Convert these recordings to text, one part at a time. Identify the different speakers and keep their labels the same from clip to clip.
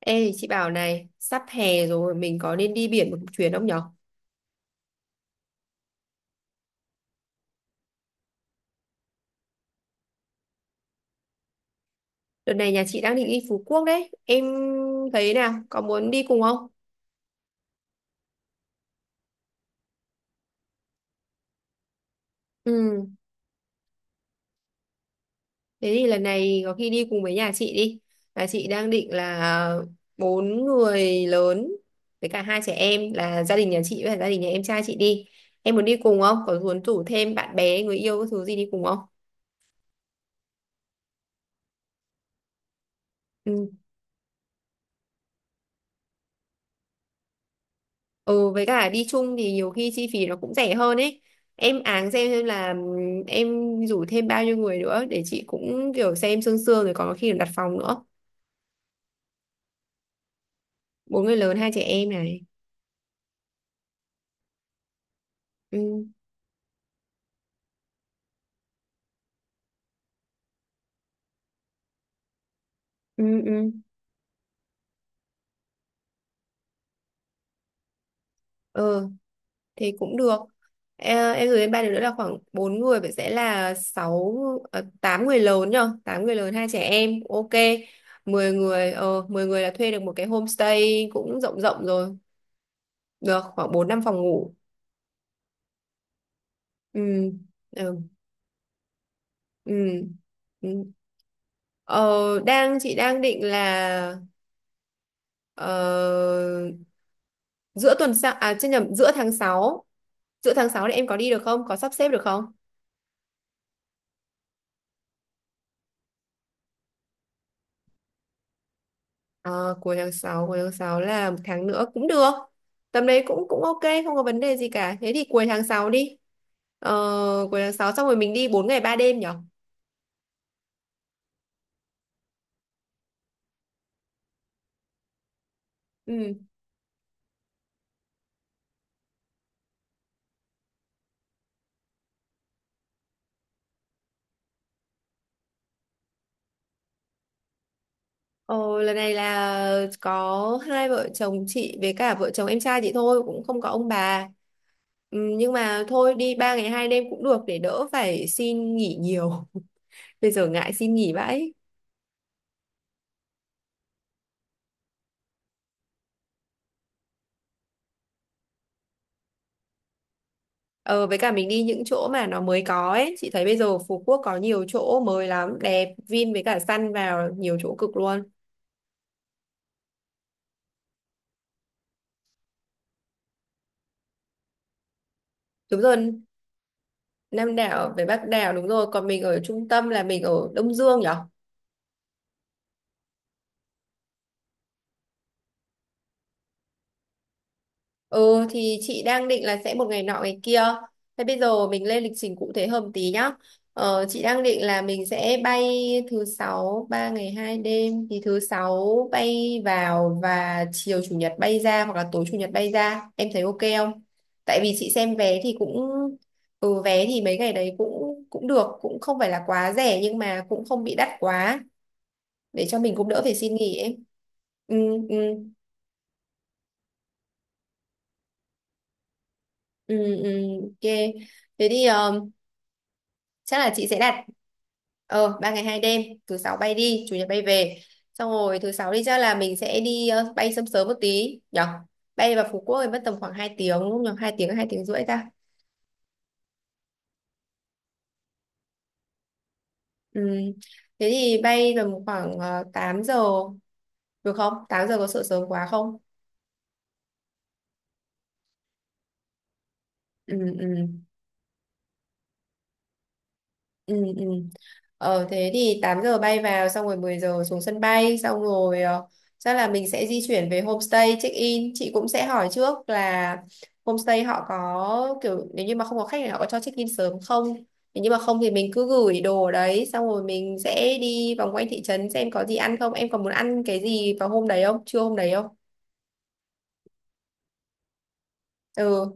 Speaker 1: Ê chị bảo này, sắp hè rồi mình có nên đi biển một chuyến không nhở? Đợt này nhà chị đang định đi Phú Quốc đấy, em thấy nào, có muốn đi cùng không? Ừ, thế thì lần này có khi đi cùng với nhà chị đi. Nhà chị đang định là 4 người lớn với cả 2 trẻ em, là gia đình nhà chị với cả gia đình nhà em trai chị đi. Em muốn đi cùng không? Có muốn rủ thêm bạn bè, người yêu, cái thứ gì đi cùng không? Ừ. Ừ, với cả đi chung thì nhiều khi chi phí nó cũng rẻ hơn ấy. Em áng xem là em rủ thêm bao nhiêu người nữa để chị cũng kiểu xem sương sương rồi còn có khi là đặt phòng nữa. 4 người lớn 2 trẻ em này. Ừ, ừ, ừ. Ừ thì cũng được. Ờ, em gửi lên 3 đứa nữa là khoảng 4 người, vậy sẽ là sáu 8 người lớn nhờ, 8 người lớn 2 trẻ em. Ok. Mười người là thuê được một cái homestay cũng rộng rộng rồi. Được khoảng 4 5 phòng ngủ. Ừ. Ừ. Ừ. Ừ. Ờ, chị đang định là ờ, giữa tuần sau, à chứ nhầm, giữa tháng 6 thì em có đi được không, có sắp xếp được không? Ờ, cuối tháng sáu là một tháng nữa cũng được, tầm đấy cũng cũng ok, không có vấn đề gì cả, thế thì cuối tháng 6 đi. ờ, Cuối tháng 6 xong rồi mình đi 4 ngày 3 đêm nhở. Ừ. ờ, Lần này là có hai vợ chồng chị với cả vợ chồng em trai chị thôi, cũng không có ông bà. Ừ, nhưng mà thôi đi 3 ngày 2 đêm cũng được để đỡ phải xin nghỉ nhiều. Bây giờ ngại xin nghỉ vãi. Ờ với cả mình đi những chỗ mà nó mới có ấy, chị thấy bây giờ Phú Quốc có nhiều chỗ mới lắm, đẹp, Vin với cả Sun vào nhiều chỗ cực luôn. Đúng rồi, Nam đảo với Bắc đảo, đúng rồi, còn mình ở trung tâm là mình ở Đông Dương nhỉ. Ừ thì chị đang định là sẽ một ngày nọ ngày kia. Thế bây giờ mình lên lịch trình cụ thể hơn tí nhá. Ờ, chị đang định là mình sẽ bay thứ sáu, 3 ngày 2 đêm thì thứ sáu bay vào và chiều chủ nhật bay ra hoặc là tối chủ nhật bay ra. Em thấy ok không? Tại vì chị xem vé thì cũng, ừ, vé thì mấy ngày đấy cũng cũng được, cũng không phải là quá rẻ nhưng mà cũng không bị đắt quá, để cho mình cũng đỡ phải xin nghỉ ấy. Ừ, ừ, ừ, ừ, ok. Thế thì chắc là chị sẽ đặt 3 ngày 2 đêm, thứ sáu bay đi chủ nhật bay về. Xong rồi thứ sáu đi chắc là mình sẽ bay sớm sớm một tí nhở. Bay vào Phú Quốc thì mất tầm khoảng 2 tiếng, đúng không nhở, 2 tiếng 2 tiếng rưỡi ta. Ừ. Thế thì bay tầm khoảng 8 giờ được không? 8 giờ có sợ sớm quá không? Ừ, ừ. Ừ, ừ, thế thì 8 giờ bay vào, xong rồi 10 giờ xuống sân bay, xong rồi chắc là mình sẽ di chuyển về homestay check in. Chị cũng sẽ hỏi trước là homestay họ có kiểu nếu như mà không có khách thì họ có cho check in sớm không, nếu như mà không thì mình cứ gửi đồ ở đấy, xong rồi mình sẽ đi vòng quanh thị trấn xem có gì ăn không. Em còn muốn ăn cái gì vào hôm đấy không, trưa hôm đấy không? Ừ.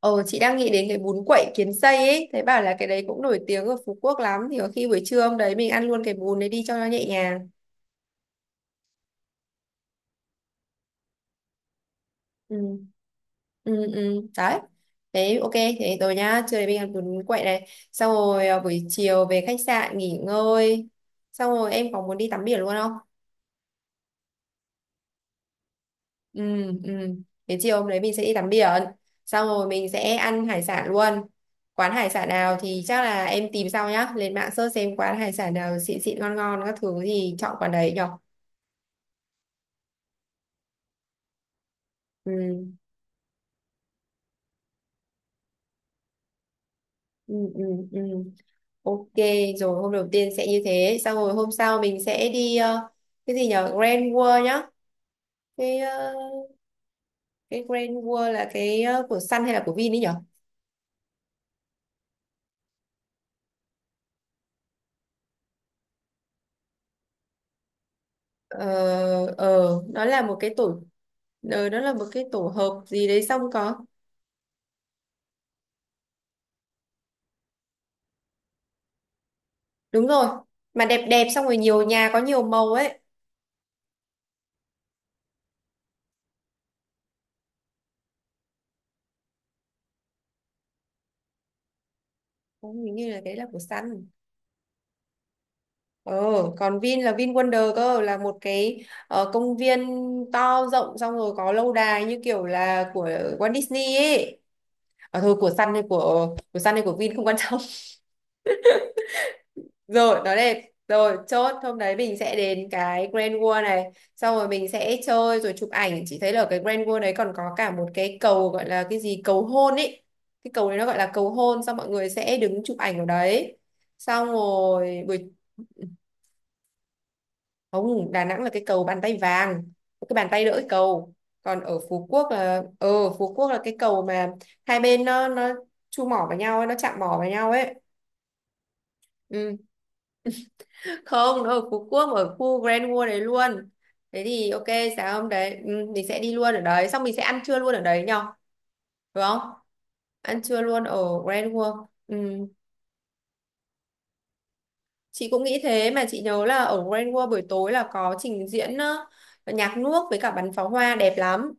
Speaker 1: ờ chị đang nghĩ đến cái bún quậy kiến xây ấy, thấy bảo là cái đấy cũng nổi tiếng ở Phú Quốc lắm, thì có khi buổi trưa hôm đấy mình ăn luôn cái bún đấy đi cho nó nhẹ nhàng. Ừ, ừ, ừ, đấy. Thế ok, thế rồi nhá, trưa nay mình ăn bún quậy này, xong rồi à, buổi chiều về khách sạn nghỉ ngơi, xong rồi em có muốn đi tắm biển luôn không? Ừ, ừ. Thế chiều hôm đấy mình sẽ đi tắm biển, xong rồi mình sẽ ăn hải sản luôn. Quán hải sản nào thì chắc là em tìm sau nhá, lên mạng search xem quán hải sản nào xịn xịn ngon ngon các thứ thì chọn quán đấy nhở. Ừ, ừ, ừ, ừ. Ok, rồi hôm đầu tiên sẽ như thế. Xong rồi hôm sau mình sẽ đi cái gì nhở, Grand World nhá. Cái ờ, cái Grand World là cái của Sun hay là của Vin ấy nhở. Ờ, ờ, nó là một cái tổ, nó là một cái tổ hợp gì đấy xong có. Đúng rồi, mà đẹp đẹp xong rồi nhiều nhà có nhiều màu ấy. Cũng hình như là đấy là của Sun. Ờ, còn Vin là Vin Wonder cơ, là một cái công viên to rộng, xong rồi có lâu đài như kiểu là của Walt Disney ấy. À, thôi của Sun hay của Sun hay của Vin không quan trọng. Rồi, nó đẹp. Rồi, chốt hôm đấy mình sẽ đến cái Grand World này, xong rồi mình sẽ chơi rồi chụp ảnh. Chị thấy là ở cái Grand World đấy còn có cả một cái cầu gọi là cái gì, cầu hôn ấy. Cái cầu đấy nó gọi là cầu hôn, xong mọi người sẽ đứng chụp ảnh ở đấy. Xong rồi buổi. Không, Đà Nẵng là cái cầu bàn tay vàng, cái bàn tay đỡ cái cầu. Còn ở Phú Quốc là cái cầu mà hai bên nó chu mỏ vào nhau ấy, nó chạm mỏ vào nhau ấy. Ừ. Không, nó ở Phú Quốc, ở khu Grand World đấy luôn. Thế thì ok, sáng hôm đấy mình sẽ đi luôn ở đấy, xong mình sẽ ăn trưa luôn ở đấy nhở, đúng không? Ăn trưa luôn ở Grand World. Ừ. Chị cũng nghĩ thế, mà chị nhớ là ở Grand World buổi tối là có trình diễn nhạc nước với cả bắn pháo hoa đẹp lắm,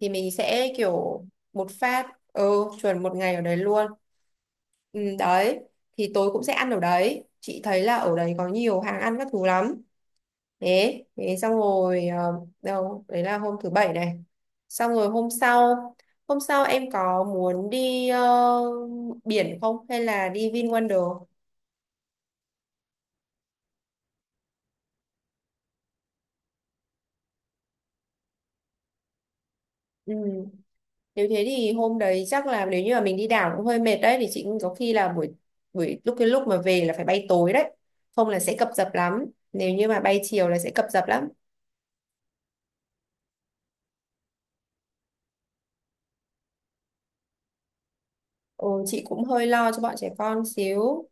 Speaker 1: thì mình sẽ kiểu một phát. Ừ, chuẩn một ngày ở đấy luôn. Ừ, đấy, thì tối cũng sẽ ăn ở đấy, chị thấy là ở đấy có nhiều hàng ăn các thứ lắm. Thế thế xong rồi đâu đấy là hôm thứ bảy này. Xong rồi hôm sau em có muốn đi biển không hay là đi VinWonder? Ừ. Nếu thế thì hôm đấy chắc là nếu như mà mình đi đảo cũng hơi mệt đấy, thì chị cũng có khi là buổi buổi lúc mà về là phải bay tối đấy, không là sẽ cập dập lắm, nếu như mà bay chiều là sẽ cập dập lắm. Ừ, chị cũng hơi lo cho bọn trẻ con xíu,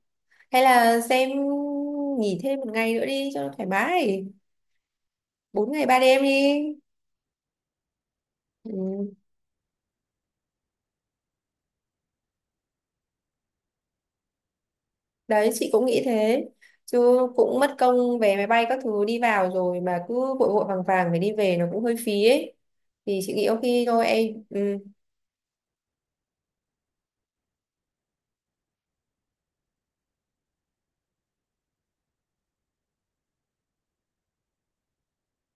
Speaker 1: hay là xem, nghỉ thêm một ngày nữa đi cho nó thoải mái, 4 ngày 3 đêm đi. Ừ. Đấy, chị cũng nghĩ thế, chứ cũng mất công vé máy bay các thứ đi vào rồi mà cứ vội vội vàng vàng phải đi về nó cũng hơi phí ấy, thì chị nghĩ ok. Thôi em. Ừ.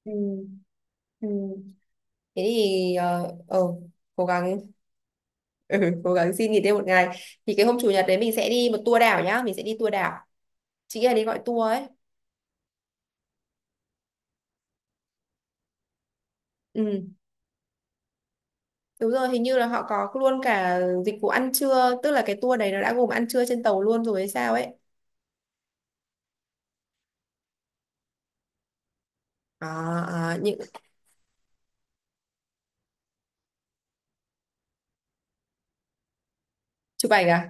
Speaker 1: Ừ. Ừ. Thế thì cố gắng. Ừ, cố gắng xin nghỉ thêm một ngày, thì cái hôm chủ nhật đấy mình sẽ đi một tour đảo nhá, mình sẽ đi tour đảo, chị nghĩ là đi gọi tour ấy. Ừ. Đúng rồi, hình như là họ có luôn cả dịch vụ ăn trưa, tức là cái tour đấy nó đã gồm ăn trưa trên tàu luôn rồi hay sao ấy. À, à, những, chụp ảnh à,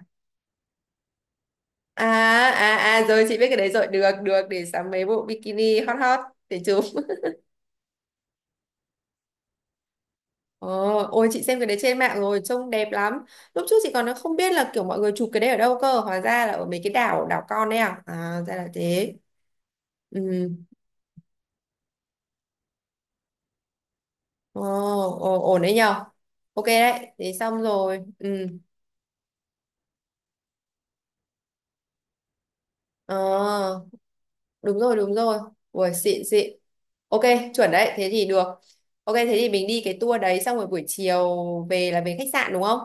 Speaker 1: à, à, à, rồi chị biết cái đấy rồi, được được, để sắm mấy bộ bikini hot hot để chụp. Ờ, ôi chị xem cái đấy trên mạng rồi trông đẹp lắm. Lúc trước chị còn không biết là kiểu mọi người chụp cái đấy ở đâu cơ, hóa ra là ở mấy cái đảo đảo con đấy, à à, ra là thế. Ừ, ồ, ồ, ổn đấy nhờ. Ok đấy, thế xong rồi. Ừ. ờ Đúng rồi, đúng rồi, ui xịn xịn, ok, chuẩn đấy, thế thì được, ok, thế thì mình đi cái tour đấy xong rồi buổi chiều về là về khách sạn đúng không?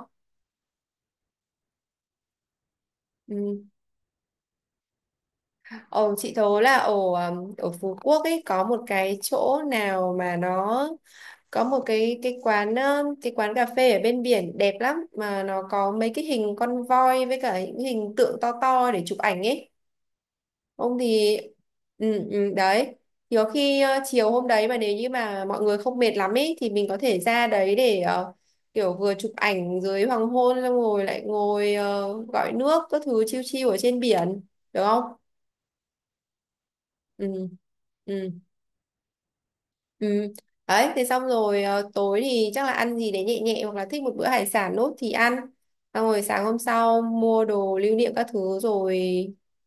Speaker 1: Ừ. Ồ, chị thố là ở ở Phú Quốc ấy có một cái chỗ nào mà nó có một cái quán cái quán cà phê ở bên biển đẹp lắm, mà nó có mấy cái hình con voi với cả những hình tượng to to để chụp ảnh ấy. Ông thì, ừ, ừ, đấy. Thì có khi chiều hôm đấy mà nếu như mà mọi người không mệt lắm ấy thì mình có thể ra đấy để uh, kiểu vừa chụp ảnh dưới hoàng hôn, xong rồi lại ngồi gọi nước các thứ chiêu chiêu ở trên biển được không? Ừ. Ừ. Ừ. Đấy, thế xong rồi tối thì chắc là ăn gì đấy nhẹ nhẹ hoặc là thích một bữa hải sản nốt thì ăn. Xong rồi sáng hôm sau mua đồ lưu niệm các thứ rồi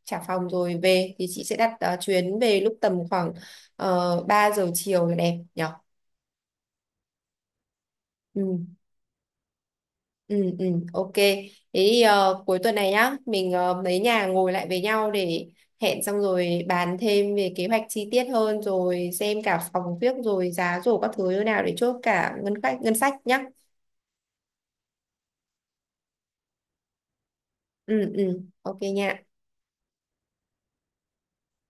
Speaker 1: trả phòng rồi về thì chị sẽ đặt chuyến về lúc tầm khoảng 3 giờ chiều là đẹp nhỉ? Ừ, ừ, ừ, ok. Thế thì cuối tuần này nhá, mình mấy nhà ngồi lại với nhau để hẹn, xong rồi bàn thêm về kế hoạch chi tiết hơn rồi xem cả phòng viết rồi giá rổ các thứ như nào để chốt cả ngân sách nhá. Ừ, ừ, ok nha.